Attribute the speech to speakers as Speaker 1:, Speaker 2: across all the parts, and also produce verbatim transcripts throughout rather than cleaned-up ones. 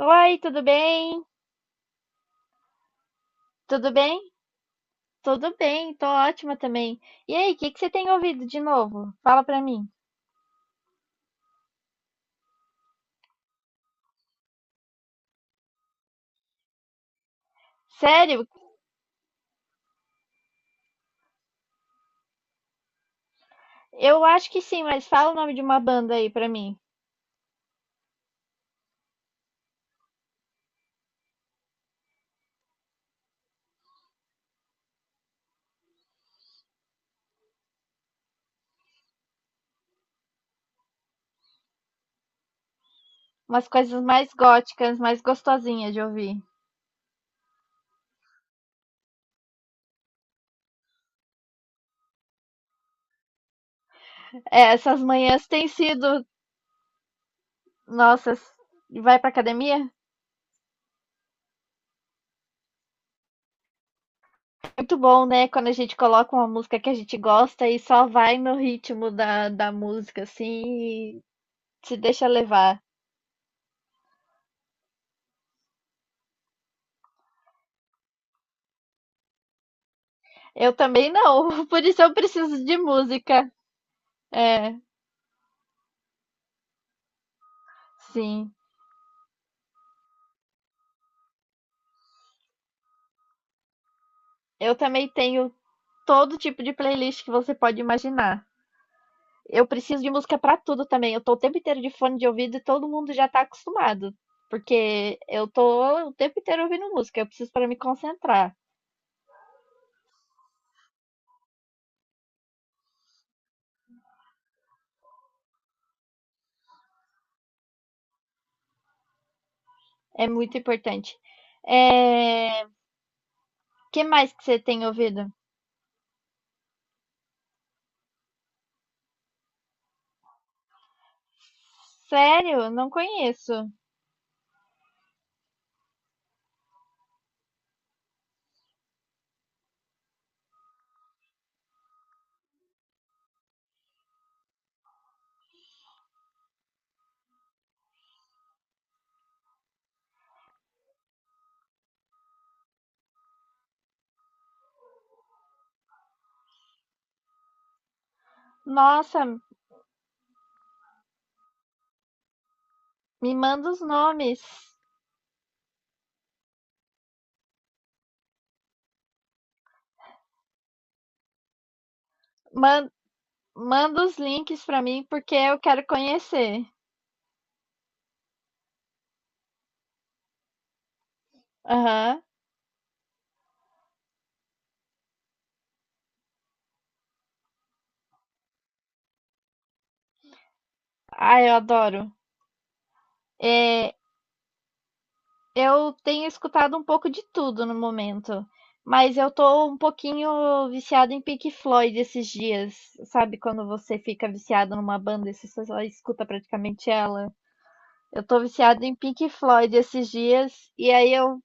Speaker 1: Oi, tudo bem? Tudo bem? Tudo bem, tô ótima também. E aí, o que que você tem ouvido de novo? Fala pra mim. Sério? Eu acho que sim, mas fala o nome de uma banda aí pra mim. Umas coisas mais góticas, mais gostosinhas de ouvir. É, essas manhãs têm sido, nossa, vai pra academia? Muito bom, né? Quando a gente coloca uma música que a gente gosta e só vai no ritmo da, da música, assim, e se deixa levar. Eu também não, por isso eu preciso de música. É, sim. Eu também tenho todo tipo de playlist que você pode imaginar. Eu preciso de música pra tudo também. Eu tô o tempo inteiro de fone de ouvido e todo mundo já tá acostumado, porque eu tô o tempo inteiro ouvindo música. Eu preciso para me concentrar. É muito importante. É, que mais que você tem ouvido? Sério? Não conheço. Nossa, me manda os nomes. Man- Manda os links pra mim porque eu quero conhecer. Aham. Ah, eu adoro. É, eu tenho escutado um pouco de tudo no momento, mas eu tô um pouquinho viciada em Pink Floyd esses dias. Sabe quando você fica viciado numa banda e você só escuta praticamente ela? Eu tô viciada em Pink Floyd esses dias e aí eu,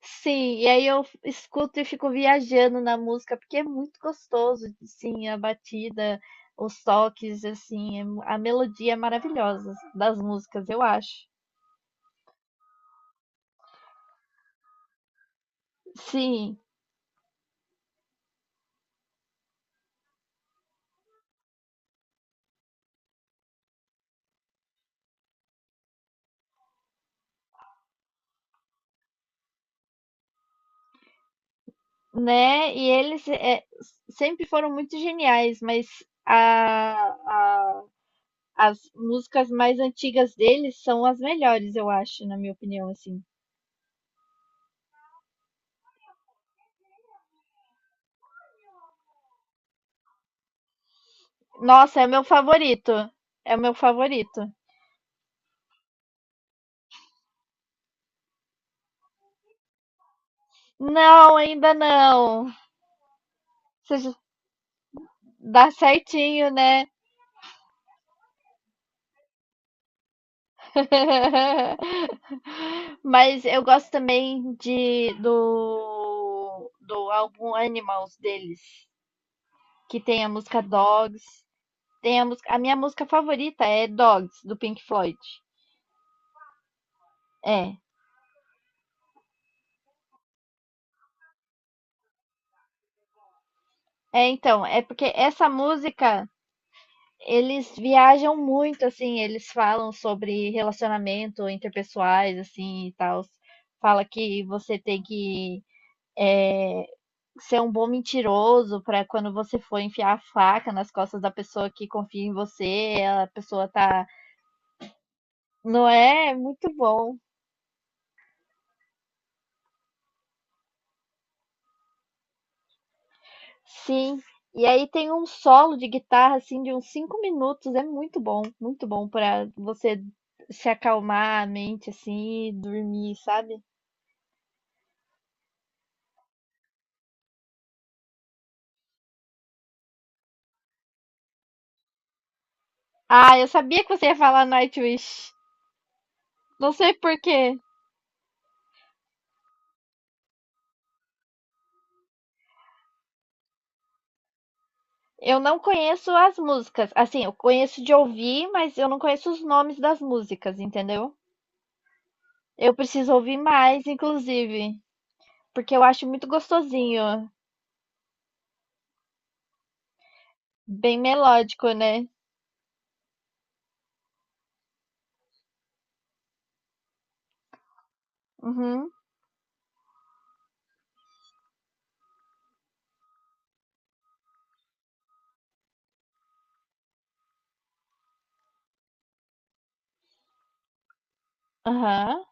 Speaker 1: sim, e aí eu escuto e fico viajando na música porque é muito gostoso, sim, a batida, os toques, assim, é mu- a melodia é maravilhosa das músicas, eu acho. Sim. Né, e eles, eh, sempre foram muito geniais, mas a a as músicas mais antigas deles são as melhores, eu acho, na minha opinião, assim. Nossa, é o meu favorito, é o meu favorito. Não, ainda não. Você dá certinho, né. Mas eu gosto também de do do álbum Animals deles, que tem a música Dogs. Tem a música, a minha música favorita é Dogs, do Pink Floyd. É. É, então, é porque essa música, eles viajam muito, assim, eles falam sobre relacionamento interpessoais, assim, e tal. Fala que você tem que ser um bom mentiroso para quando você for enfiar a faca nas costas da pessoa que confia em você, a pessoa tá. Não é. É muito bom. Sim, e aí tem um solo de guitarra assim de uns cinco minutos, é muito bom, muito bom para você se acalmar a mente assim, e dormir, sabe? Ah, eu sabia que você ia falar Nightwish. Não sei por quê. Eu não conheço as músicas. Assim, eu conheço de ouvir, mas eu não conheço os nomes das músicas, entendeu? Eu preciso ouvir mais, inclusive, porque eu acho muito gostosinho, bem melódico, né? Uhum. Aham.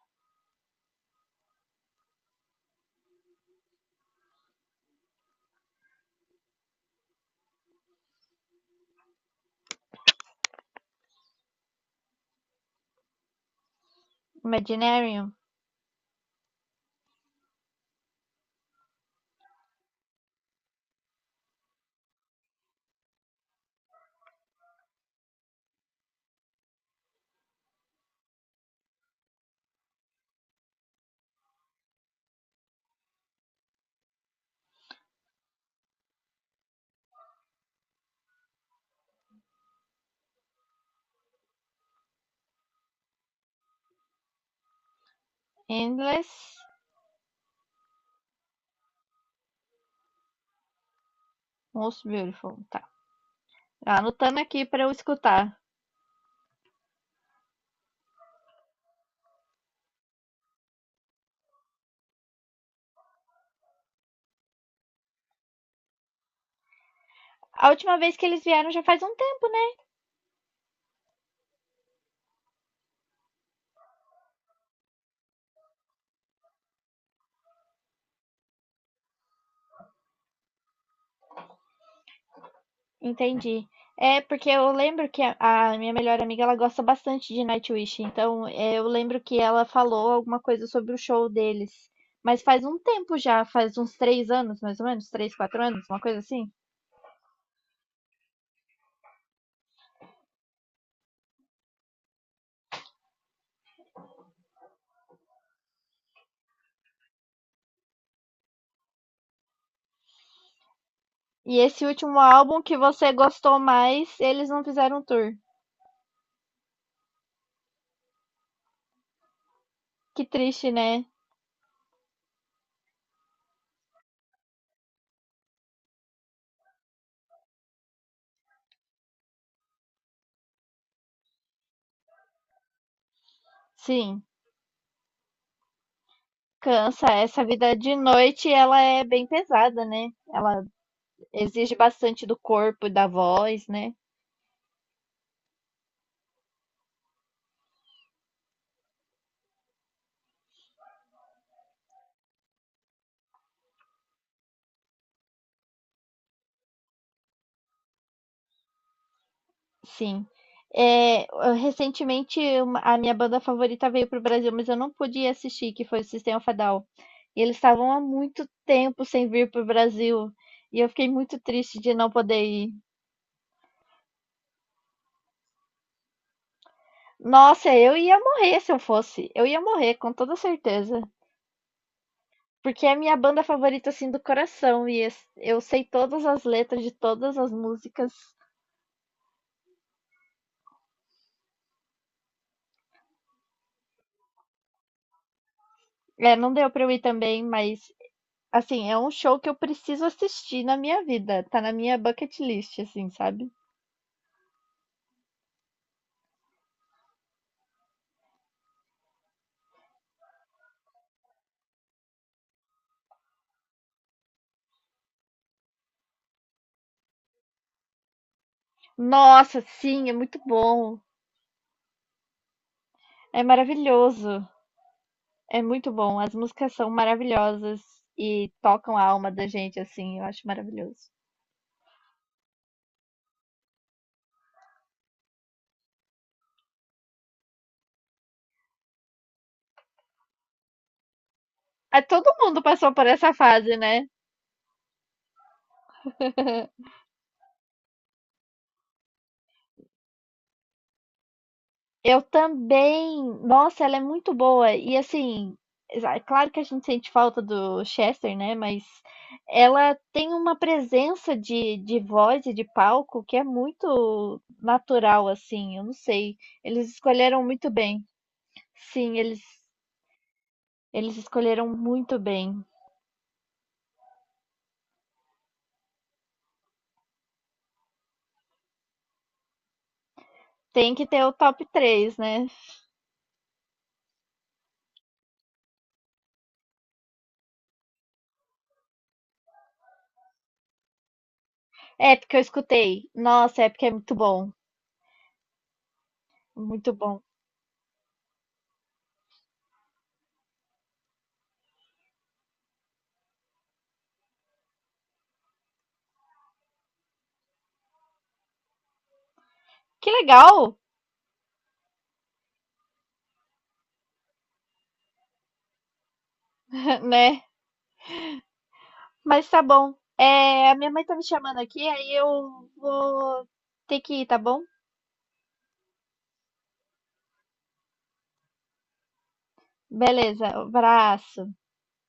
Speaker 1: Imaginarium. Endless. Most Beautiful, tá. Anotando aqui pra eu escutar. A última vez que eles vieram já faz um tempo. Entendi. É, porque eu lembro que a, a minha melhor amiga, ela gosta bastante de Nightwish. Então, é, eu lembro que ela falou alguma coisa sobre o show deles. Mas faz um tempo já, faz uns três anos, mais ou menos, três, quatro anos, uma coisa assim. E esse último álbum que você gostou mais, eles não fizeram tour. Que triste, né? Sim, cansa. Essa vida de noite, ela é bem pesada, né? Ela exige bastante do corpo e da voz, né? Sim. É, recentemente uma- a minha banda favorita veio para o Brasil, mas eu não pude assistir, que foi o System of a Down. E eles estavam há muito tempo sem vir para o Brasil. E eu fiquei muito triste de não poder ir. Nossa, eu ia morrer se eu fosse. Eu ia morrer, com toda certeza. Porque é a minha banda favorita, assim, do coração. E es- eu sei todas as letras de todas as músicas. É, não deu pra eu ir também, mas assim, é um show que eu preciso assistir na minha vida. Tá na minha bucket list, assim, sabe? Nossa, sim, é muito bom. É maravilhoso. É muito bom. As músicas são maravilhosas e tocam a alma da gente, assim. Eu acho maravilhoso. Ah, todo mundo passou por essa fase, né? Eu também. Nossa, ela é muito boa. E assim, é claro que a gente sente falta do Chester, né? Mas ela tem uma presença de, de voz e de palco que é muito natural, assim. Eu não sei. Eles escolheram muito bem. Sim, eles, eles escolheram muito bem. Tem que ter o top três, né? É, porque eu escutei. Nossa, é porque é muito bom. Muito bom. Que legal, né? Mas tá bom. É, a minha mãe tá me chamando aqui, aí eu vou ter que ir, tá bom? Beleza, abraço.